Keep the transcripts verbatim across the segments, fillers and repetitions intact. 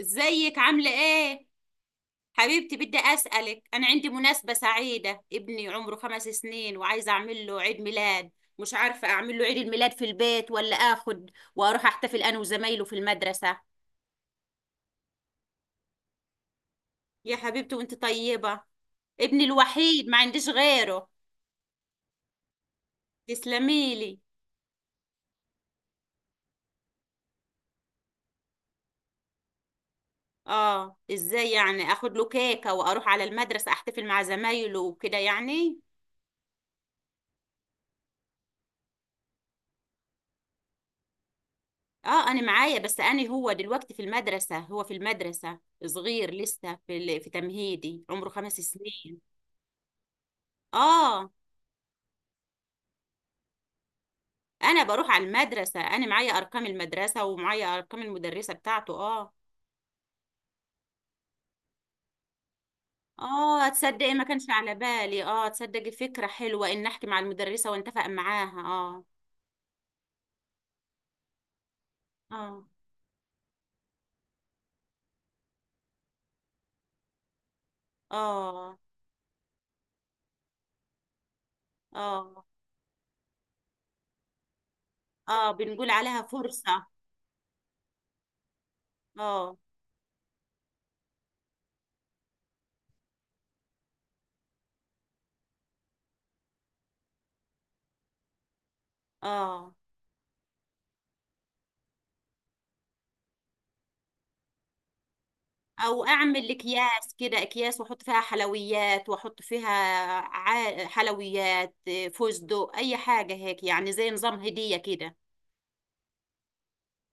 ازيك عاملة ايه؟ حبيبتي، بدي اسألك. انا عندي مناسبة سعيدة. ابني عمره خمس سنين وعايزة اعمل له عيد ميلاد. مش عارفة اعمل له عيد الميلاد في البيت ولا اخد واروح احتفل انا وزمايله في المدرسة. يا حبيبتي، وانت طيبة. ابني الوحيد، ما عنديش غيره. تسلميلي. اه، ازاي يعني؟ اخد له كيكة واروح على المدرسة احتفل مع زمايله وكده يعني. اه، انا معايا، بس انا هو دلوقتي في المدرسه، هو في المدرسه صغير لسه في ال- في تمهيدي، عمره خمس سنين. اه، انا بروح على المدرسه، انا معايا ارقام المدرسه ومعايا ارقام المدرسه بتاعته، اه. اه، تصدقي ما كانش على بالي، اه، تصدقي، فكره حلوه ان احكي مع المدرسه وانتفق معاها، اه، اه، اه، اه، اه، بنقول عليها فرصه، اه، اه. او اعمل اكياس كده، اكياس واحط فيها حلويات واحط فيها عا- حلويات إيه، فستق، اي حاجه هيك، يعني زي نظام هديه كده.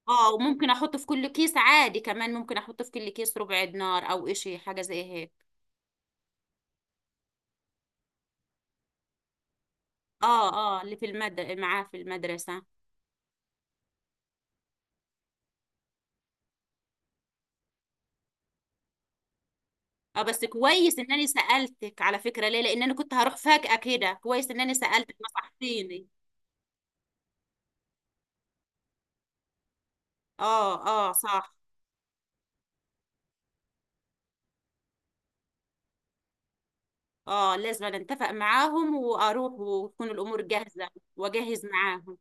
اه، وممكن احط في كل كيس عادي، كمان ممكن احط في كل كيس ربع دينار او اشي حاجه زي هيك. اه، اه، اللي في المد معاه في المدرسه. اه، بس كويس انني سالتك، على فكره، ليه؟ لان انا كنت هروح فجاه كده. كويس انني سالتك نصحتيني. اه، اه، صح. اه، لازم أنا اتفق معاهم واروح وتكون الامور جاهزه. واجهز معاهم.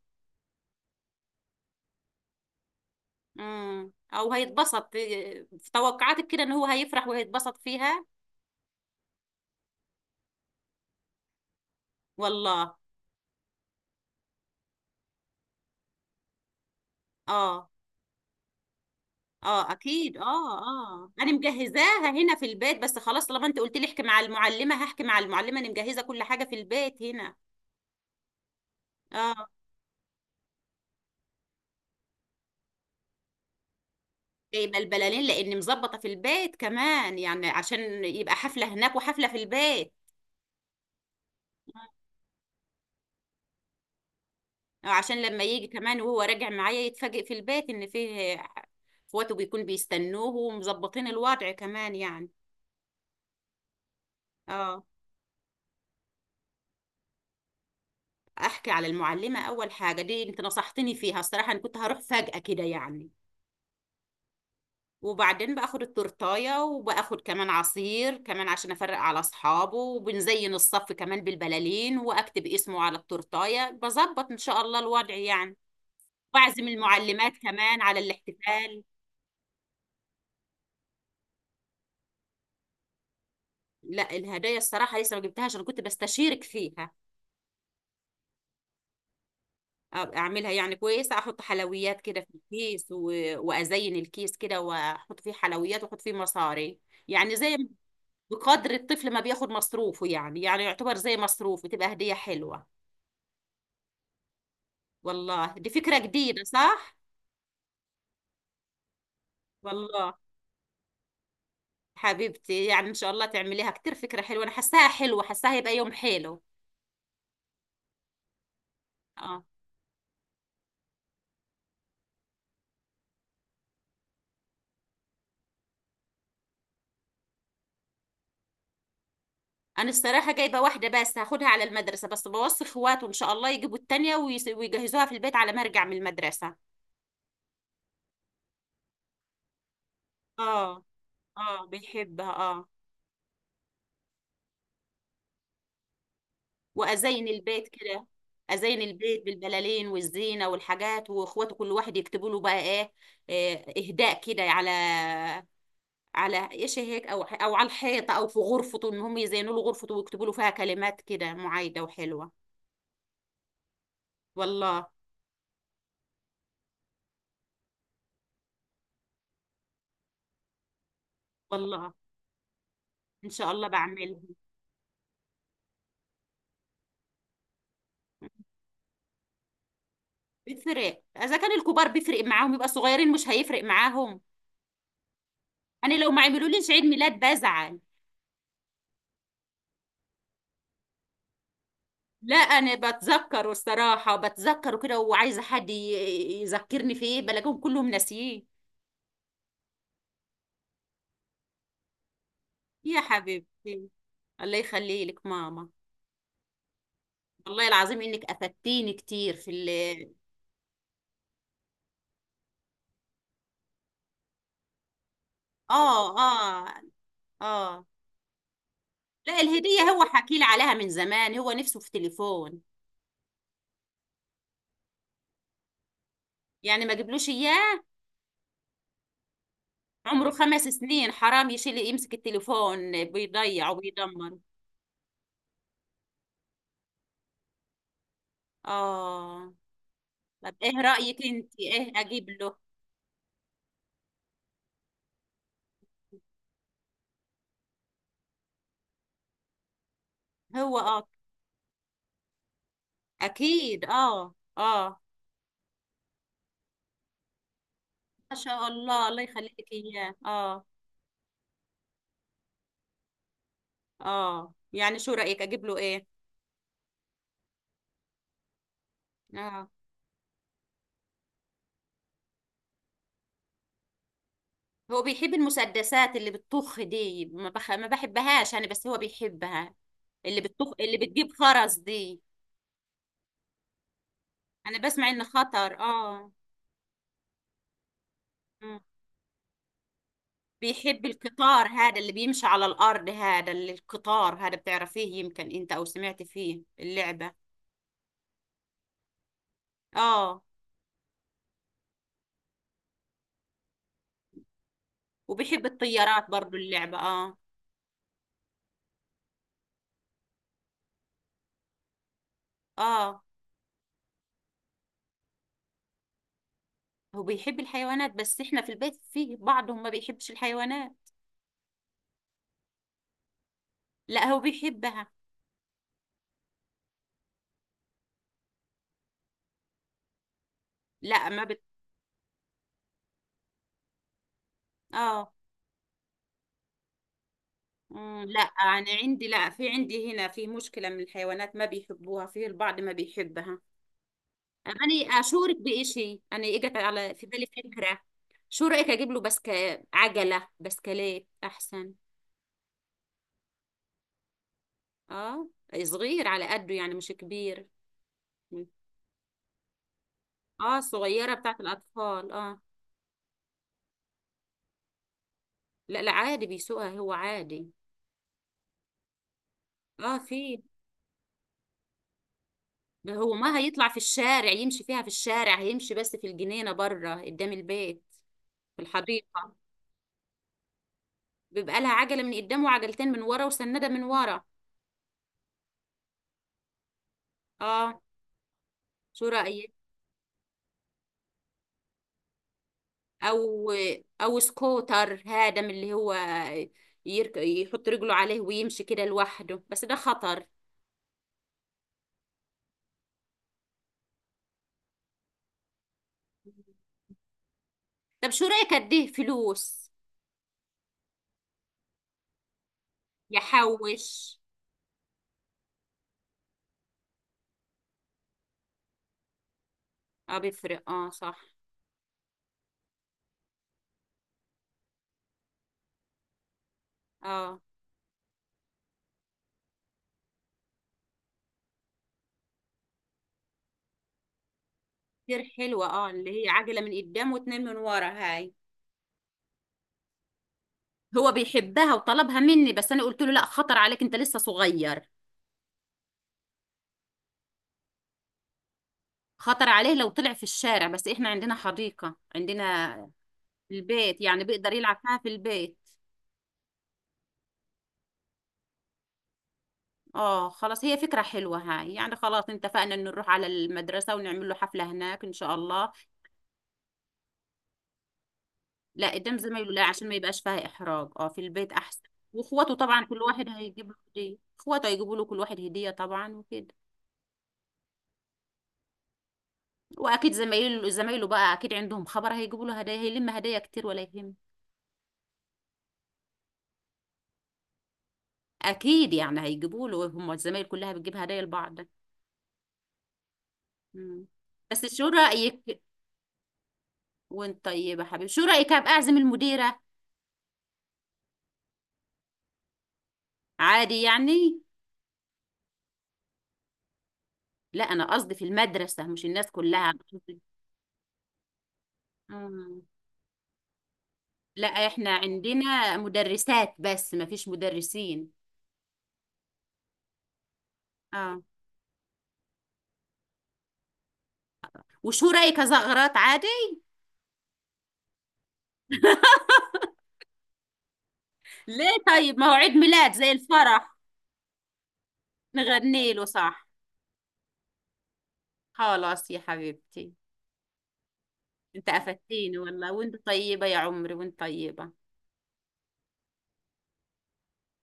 امم او هيتبسط إيه، في توقعاتك كده ان هو هيفرح وهيتبسط فيها؟ والله، اه، اه. اكيد، اه، اه، انا مجهزاها هنا في البيت، بس خلاص طالما انت قلت لي احكي مع المعلمه هحكي مع المعلمه. انا مجهزه كل حاجه في البيت هنا. اه. جايبه البلالين لاني مظبطه في البيت كمان، يعني عشان يبقى حفله هناك وحفله في البيت. عشان لما يجي كمان وهو راجع معايا يتفاجئ في البيت ان فيه اخواته بيكون بيستنوه ومظبطين الوضع كمان يعني. اه. احكي على المعلمة اول حاجة، دي انت نصحتني فيها الصراحة، انا كنت هروح فجأة كده يعني. وبعدين باخد التورتاية وباخد كمان عصير كمان عشان افرق على اصحابه، وبنزين الصف كمان بالبلالين، واكتب اسمه على التورتاية بظبط ان شاء الله الوضع يعني. بعزم المعلمات كمان على الاحتفال. لا، الهدايا الصراحة لسه ما جبتهاش، أنا كنت بستشيرك فيها. أ- أعملها يعني كويسة؟ أحط حلويات كده في الكيس، و... وأزين الكيس كده وأحط فيه حلويات وأحط فيه مصاري، يعني زي، بقدر الطفل ما بياخد مصروفه، يعني يعني يعتبر زي مصروفه، تبقى هدية حلوة. والله دي فكرة جديدة، صح؟ والله. حبيبتي، يعني إن شاء الله تعمليها كتير، فكرة حلوة، أنا حاساها حلوة، حاساها هيبقى يوم حلو. اه. انا الصراحه جايبه واحده بس هاخدها على المدرسه، بس بوصي اخواته ان شاء الله يجيبوا التانية ويس- ويجهزوها في البيت على ما ارجع من المدرسه. اه، اه، بيحبها، اه. وازين البيت كده. ازين البيت بالبلالين والزينه والحاجات، واخواته كل واحد يكتبوا له بقى ايه، إيه، اهداء كده على على ايش هيك، او او على الحيطه او في غرفته، ان هم يزينوا له غرفته ويكتبوا له فيها كلمات كده معايده وحلوه. والله. والله ان شاء الله بعملها. بتفرق، اذا كان الكبار بيفرق معاهم يبقى الصغيرين مش هيفرق معاهم؟ انا لو ما عملوليش عيد ميلاد بزعل. لا، انا بتذكره الصراحه، بتذكره كده، وعايزه حد ي- يذكرني في ايه، بلاقيهم كلهم ناسيين. يا حبيبتي. الله يخلي لك ماما. والله العظيم انك افدتيني كتير في ال اه، اه، اه. لا، الهديه هو حكي لي عليها من زمان، هو نفسه في تليفون. يعني ما جبلوش اياه. عمره خمس سنين، حرام يشيل يمسك التليفون، بيضيع وبيدمر. اه. طب ايه رأيك؟ انت ايه اجيب له؟ هو، اه، اكيد، اه، اه. ما شاء الله، الله يخلي لك اياه، اه. اه، يعني شو رأيك اجيب له ايه؟ اه، هو بيحب المسدسات اللي بتطخ دي، ما بخ... ما بحبهاش انا، بس هو بيحبها. اللي بتطخ، اللي بتجيب خرز دي. انا بسمع انه خطر، اه. مم. بيحب القطار هذا اللي بيمشي على الارض، هذا اللي، القطار هذا بتعرفيه يمكن انت او سمعت فيه اللعبة. اه، وبيحب الطيارات برضو اللعبة، اه. اه، هو بيحب الحيوانات، بس احنا في البيت فيه بعضهم ما بيحبش الحيوانات. لا، هو بيحبها. لا ما بت... اه، مم، لا انا عندي، لا في عندي هنا في مشكلة من الحيوانات، ما بيحبوها في البعض، ما بيحبها. أنا أشورك بإشي، أنا إجت على في بالي فكرة. شو رأيك أجيب له بسك عجلة، بسكليت أحسن. آه. صغير على قده يعني، مش كبير. آه، صغيرة بتاعت الأطفال، آه. لا، لا، عادي بيسوقها هو، عادي. اه، في. ده هو ما هيطلع في الشارع يمشي فيها، في الشارع هيمشي بس في الجنينة بره قدام البيت. في الحديقة. بيبقى لها عجلة من قدام وعجلتين من ورا وسندة من ورا. اه. شو رأيك؟ او او سكوتر هذا من اللي هو يرك... يحط رجله عليه ويمشي كده لوحده، بس ده خطر. طب شو رأيك اديه فلوس يحوش؟ اه، بيفرق، اه، صح. اه، كتير حلوة، اه، اللي هي عجلة من قدام واتنين من ورا هاي. هو بيحبها وطلبها مني، بس انا قلت له لا، خطر عليك انت لسه صغير. خطر عليه لو طلع في الشارع، بس احنا عندنا حديقة، عندنا في البيت يعني بيقدر يلعب فيها في البيت. اه، خلاص، هي فكرة حلوة هاي. يعني خلاص اتفقنا ان نروح على المدرسة ونعمل له حفلة هناك ان شاء الله. لا، قدام زمايله لا، عشان ما يبقاش فيها احراج، اه، في البيت احسن. واخواته طبعا كل واحد هيجيب له هدية، اخواته هيجيبوا له كل واحد هدية طبعا وكده. واكيد زمايله زمايله بقى اكيد عندهم خبر هيجيبوا له هدايا، هيلم هدايا كتير ولا يهم. اكيد يعني هيجيبوا له، هم الزمايل كلها بتجيب هدايا لبعض. مم. بس شو رايك؟ وانت طيب يا حبيبي. شو رايك ابقى اعزم المديره؟ عادي يعني. لا، انا قصدي في المدرسه مش الناس كلها. مم. لا، احنا عندنا مدرسات بس ما فيش مدرسين. اه، وشو رايك ازغرات عادي؟ ليه؟ طيب ما هو عيد ميلاد زي الفرح. نغني له، صح. خلاص يا حبيبتي. انت قفدتيني والله، وانت طيبة يا عمري، وانت طيبة.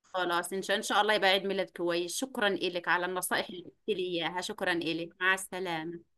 خلاص، ان شاء ان شاء الله يبقى عيد ميلاد كويس. شكرا إلك على النصائح اللي قلت لي اياها، شكرا إلك، مع السلامة.